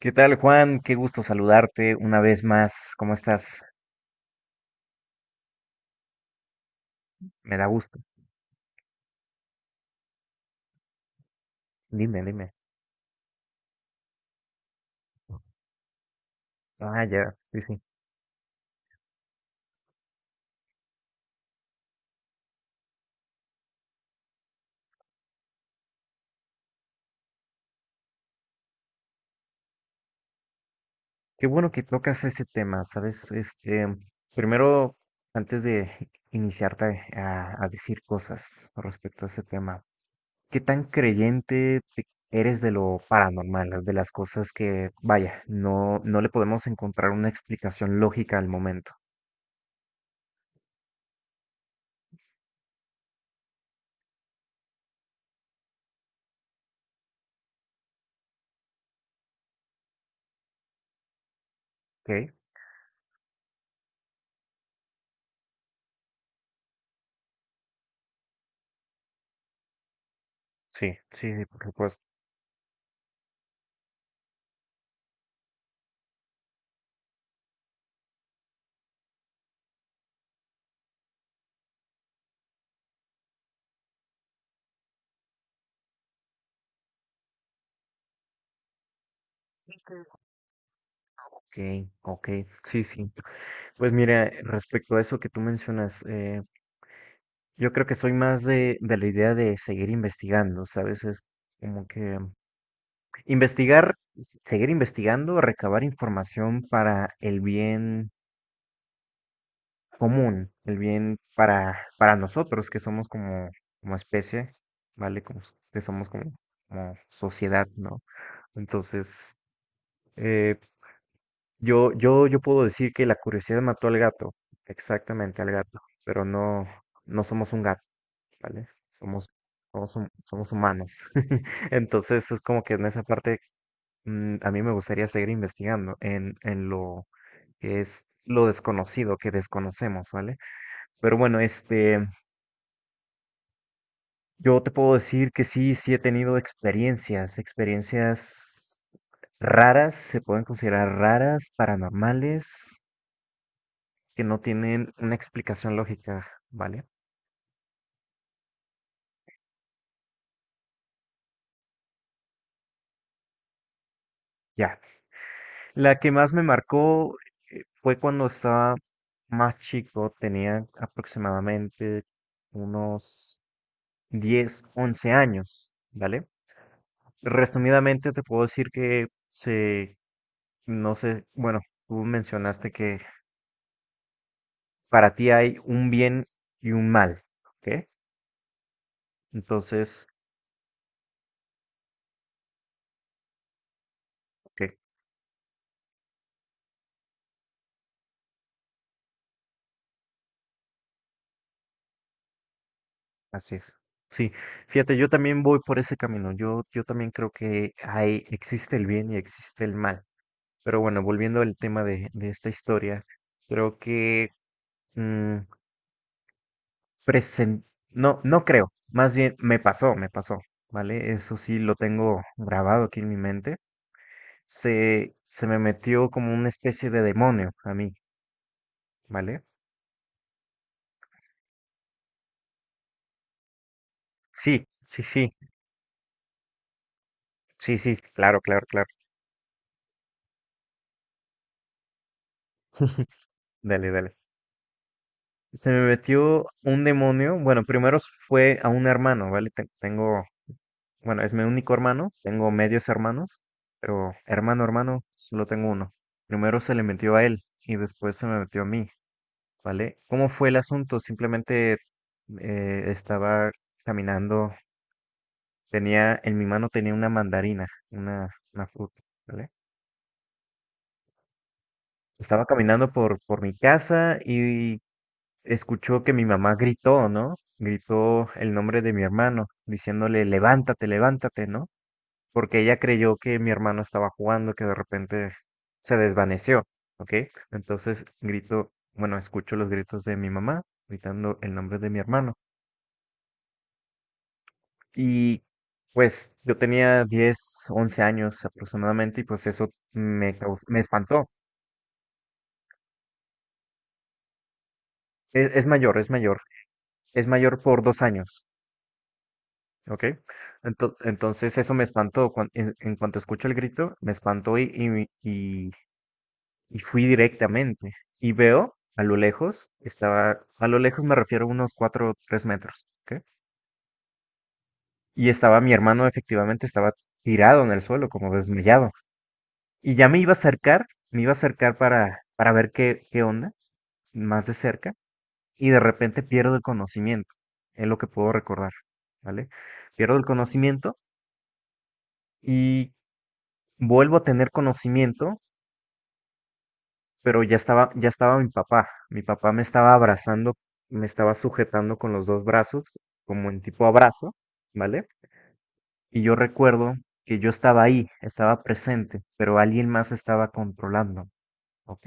¿Qué tal, Juan? Qué gusto saludarte una vez más. ¿Cómo estás? Me da gusto. Dime, dime. Ah, ya, sí, sí. Qué bueno que tocas ese tema, ¿sabes? Primero, antes de iniciarte a decir cosas respecto a ese tema, ¿qué tan creyente te- ¿eres de lo paranormal, de las cosas que, vaya, no, no le podemos encontrar una explicación lógica al momento? ¿Ok? Sí, sí, sí, por supuesto. Ok, ok, sí, sí. Pues mira, respecto a eso que tú mencionas, yo creo que soy más de la idea de seguir investigando, ¿sabes? Es como que investigar, seguir investigando, recabar información para el bien común, el bien para nosotros que somos como, como especie, ¿vale? Como, que somos como, como sociedad, ¿no? Entonces, eh, yo, yo, yo puedo decir que la curiosidad mató al gato, exactamente al gato, pero no, no somos un gato. ¿Vale? Somos, somos humanos. Entonces es como que en esa parte a mí me gustaría seguir investigando en lo que es lo desconocido, que desconocemos, ¿vale? Pero bueno, yo te puedo decir que sí, sí he tenido experiencias, experiencias raras, se pueden considerar raras, paranormales, que no tienen una explicación lógica, ¿vale? Ya. La que más me marcó fue cuando estaba más chico, tenía aproximadamente unos 10, 11 años, ¿vale? Resumidamente te puedo decir que se, no sé, bueno, tú mencionaste que para ti hay un bien y un mal, ¿ok? Entonces, ok, así es. Sí, fíjate, yo también voy por ese camino. Yo también creo que hay, existe el bien y existe el mal. Pero bueno, volviendo al tema de esta historia, creo que mm, presen- no, no creo, más bien me pasó, ¿vale? Eso sí lo tengo grabado aquí en mi mente. Se me metió como una especie de demonio a mí, ¿vale? Sí, sí, sí, sí, sí, claro, claro, claro. Dale, dale. Se me metió un demonio, bueno, primero fue a un hermano, ¿vale? Tengo, bueno, es mi único hermano, tengo medios hermanos, pero hermano, hermano, solo tengo uno. Primero se le metió a él y después se me metió a mí, ¿vale? ¿Cómo fue el asunto? Simplemente estaba caminando, tenía, en mi mano tenía una mandarina, una fruta, ¿vale? Estaba caminando por mi casa y escuchó que mi mamá gritó, ¿no? Gritó el nombre de mi hermano, diciéndole, levántate, levántate, ¿no? Porque ella creyó que mi hermano estaba jugando, que de repente se desvaneció, ¿ok? Entonces grito, bueno, escucho los gritos de mi mamá gritando el nombre de mi hermano. Y pues yo tenía 10, 11 años aproximadamente y pues eso me, me espantó. Es mayor, es mayor, es mayor por 2 años, ¿ok? Entonces eso me espantó. En cuanto escucho el grito, me espantó y fui directamente y veo a lo lejos, estaba, a lo lejos me refiero a unos 4 o 3 metros, ¿ok? Y estaba mi hermano efectivamente, estaba tirado en el suelo, como desmayado. Y ya me iba a acercar, me iba a acercar para ver qué, qué onda, más de cerca, y de repente pierdo el conocimiento, es lo que puedo recordar, ¿vale? Pierdo el conocimiento y vuelvo a tener conocimiento pero ya estaba mi papá. Mi papá me estaba abrazando, me estaba sujetando con los dos brazos, como en tipo abrazo, ¿vale? Y yo recuerdo que yo estaba ahí, estaba presente, pero alguien más estaba controlando, ¿ok?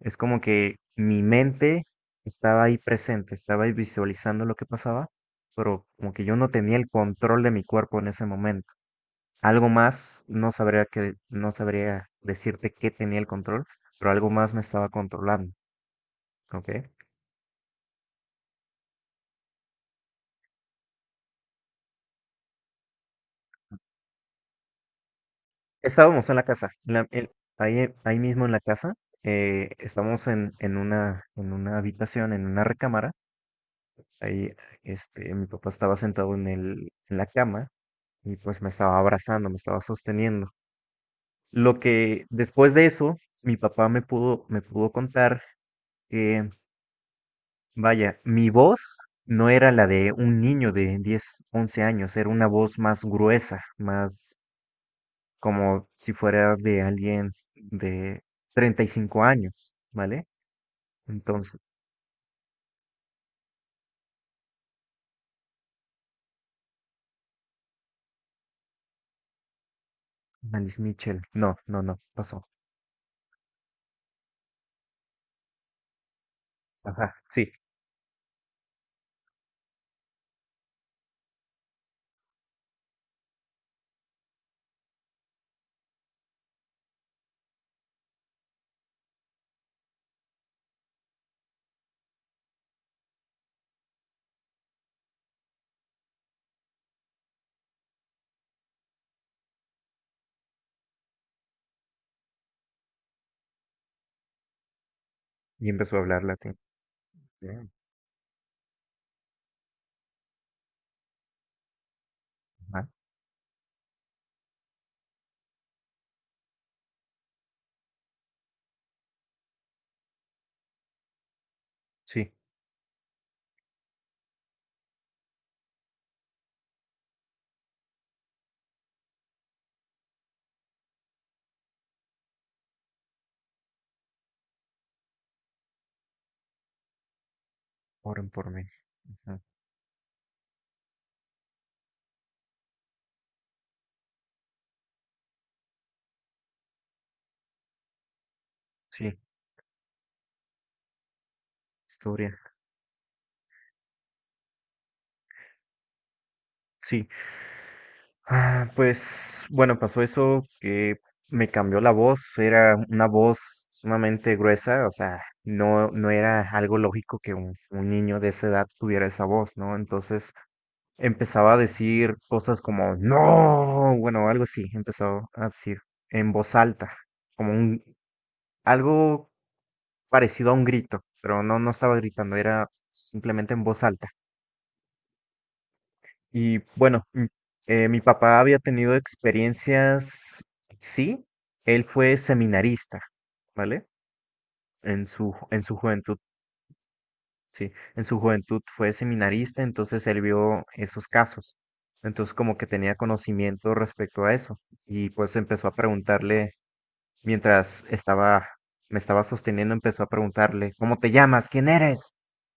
Es como que mi mente estaba ahí presente, estaba ahí visualizando lo que pasaba, pero como que yo no tenía el control de mi cuerpo en ese momento. Algo más, no sabría que, no sabría decirte qué tenía el control, pero algo más me estaba controlando. Ok. Estábamos en la casa, ahí, ahí mismo en la casa. Estamos en una habitación, en una recámara. Ahí, mi papá estaba sentado en el, en la cama y pues me estaba abrazando, me estaba sosteniendo. Lo que después de eso, mi papá me pudo contar que, vaya, mi voz no era la de un niño de 10 11 años, era una voz más gruesa, más, como si fuera de alguien de 35 años, ¿vale? Entonces, Alice Mitchell, no, no, no, pasó. Ajá, sí, y empezó a hablar latín. Bien, ajá, sí, oren por mí. Ajá, sí, historia, sí. Ah, pues, bueno, pasó eso que me cambió la voz, era una voz sumamente gruesa, o sea, no, no era algo lógico que un niño de esa edad tuviera esa voz, ¿no? Entonces, empezaba a decir cosas como no, bueno, algo así, empezó a decir en voz alta, como un algo parecido a un grito, pero no no estaba gritando, era simplemente en voz alta. Y bueno, mi papá había tenido experiencias, sí, él fue seminarista, ¿vale? En su juventud. Sí, en su juventud fue seminarista, entonces él vio esos casos. Entonces como que tenía conocimiento respecto a eso y pues empezó a preguntarle, mientras estaba, me estaba sosteniendo, empezó a preguntarle, ¿cómo te llamas? ¿Quién eres?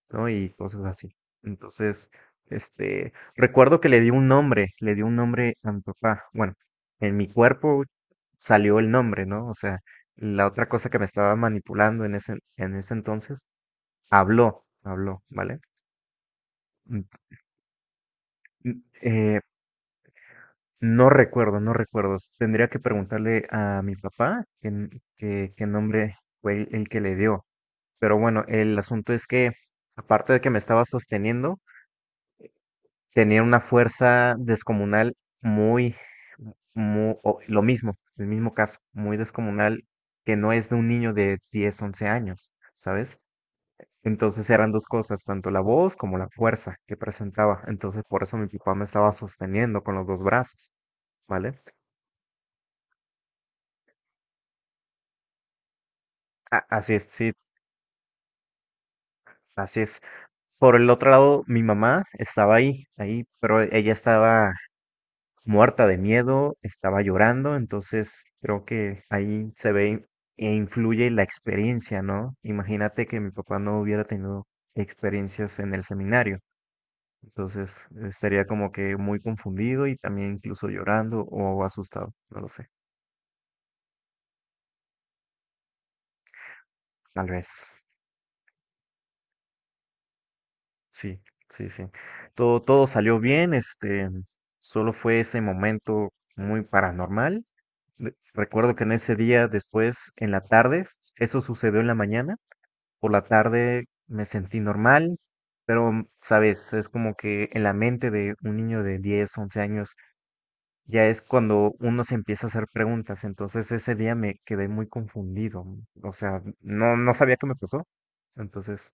¿No? Y cosas así. Entonces, recuerdo que le di un nombre, le di un nombre a mi papá. Bueno, en mi cuerpo salió el nombre, ¿no? O sea, la otra cosa que me estaba manipulando en ese entonces, habló, habló, ¿vale? Mm, mm, eh, no recuerdo, no recuerdo. Tendría que preguntarle a mi papá qué, qué nombre fue el que le dio. Pero bueno, el asunto es que, aparte de que me estaba sosteniendo, tenía una fuerza descomunal muy, muy, lo mismo, el mismo caso, muy descomunal, que no es de un niño de 10, 11 años, ¿sabes? Entonces eran dos cosas, tanto la voz como la fuerza que presentaba. Entonces por eso mi papá me estaba sosteniendo con los dos brazos, ¿vale? Así es, sí, así es. Por el otro lado, mi mamá estaba ahí, ahí, pero ella estaba muerta de miedo, estaba llorando, entonces creo que ahí se ve e influye la experiencia, ¿no? Imagínate que mi papá no hubiera tenido experiencias en el seminario, entonces estaría como que muy confundido y también incluso llorando o asustado, no lo sé, tal vez. Sí, sí, sí. Todo, todo salió bien, solo fue ese momento muy paranormal. Recuerdo que en ese día, después, en la tarde, eso sucedió en la mañana, por la tarde me sentí normal, pero, sabes, es como que en la mente de un niño de 10, 11 años, ya es cuando uno se empieza a hacer preguntas. Entonces ese día me quedé muy confundido, o sea, no, no sabía qué me pasó. Entonces,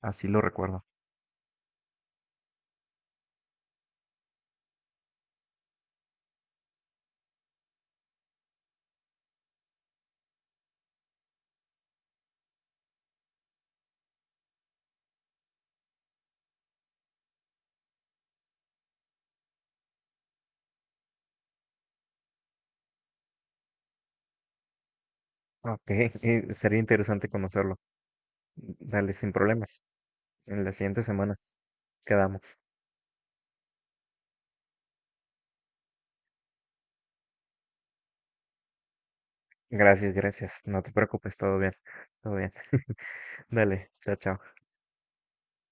así lo recuerdo. Ok, sería interesante conocerlo. Dale, sin problemas. En la siguiente semana quedamos. Gracias, gracias. No te preocupes, todo bien, todo bien. Dale, chao, chao.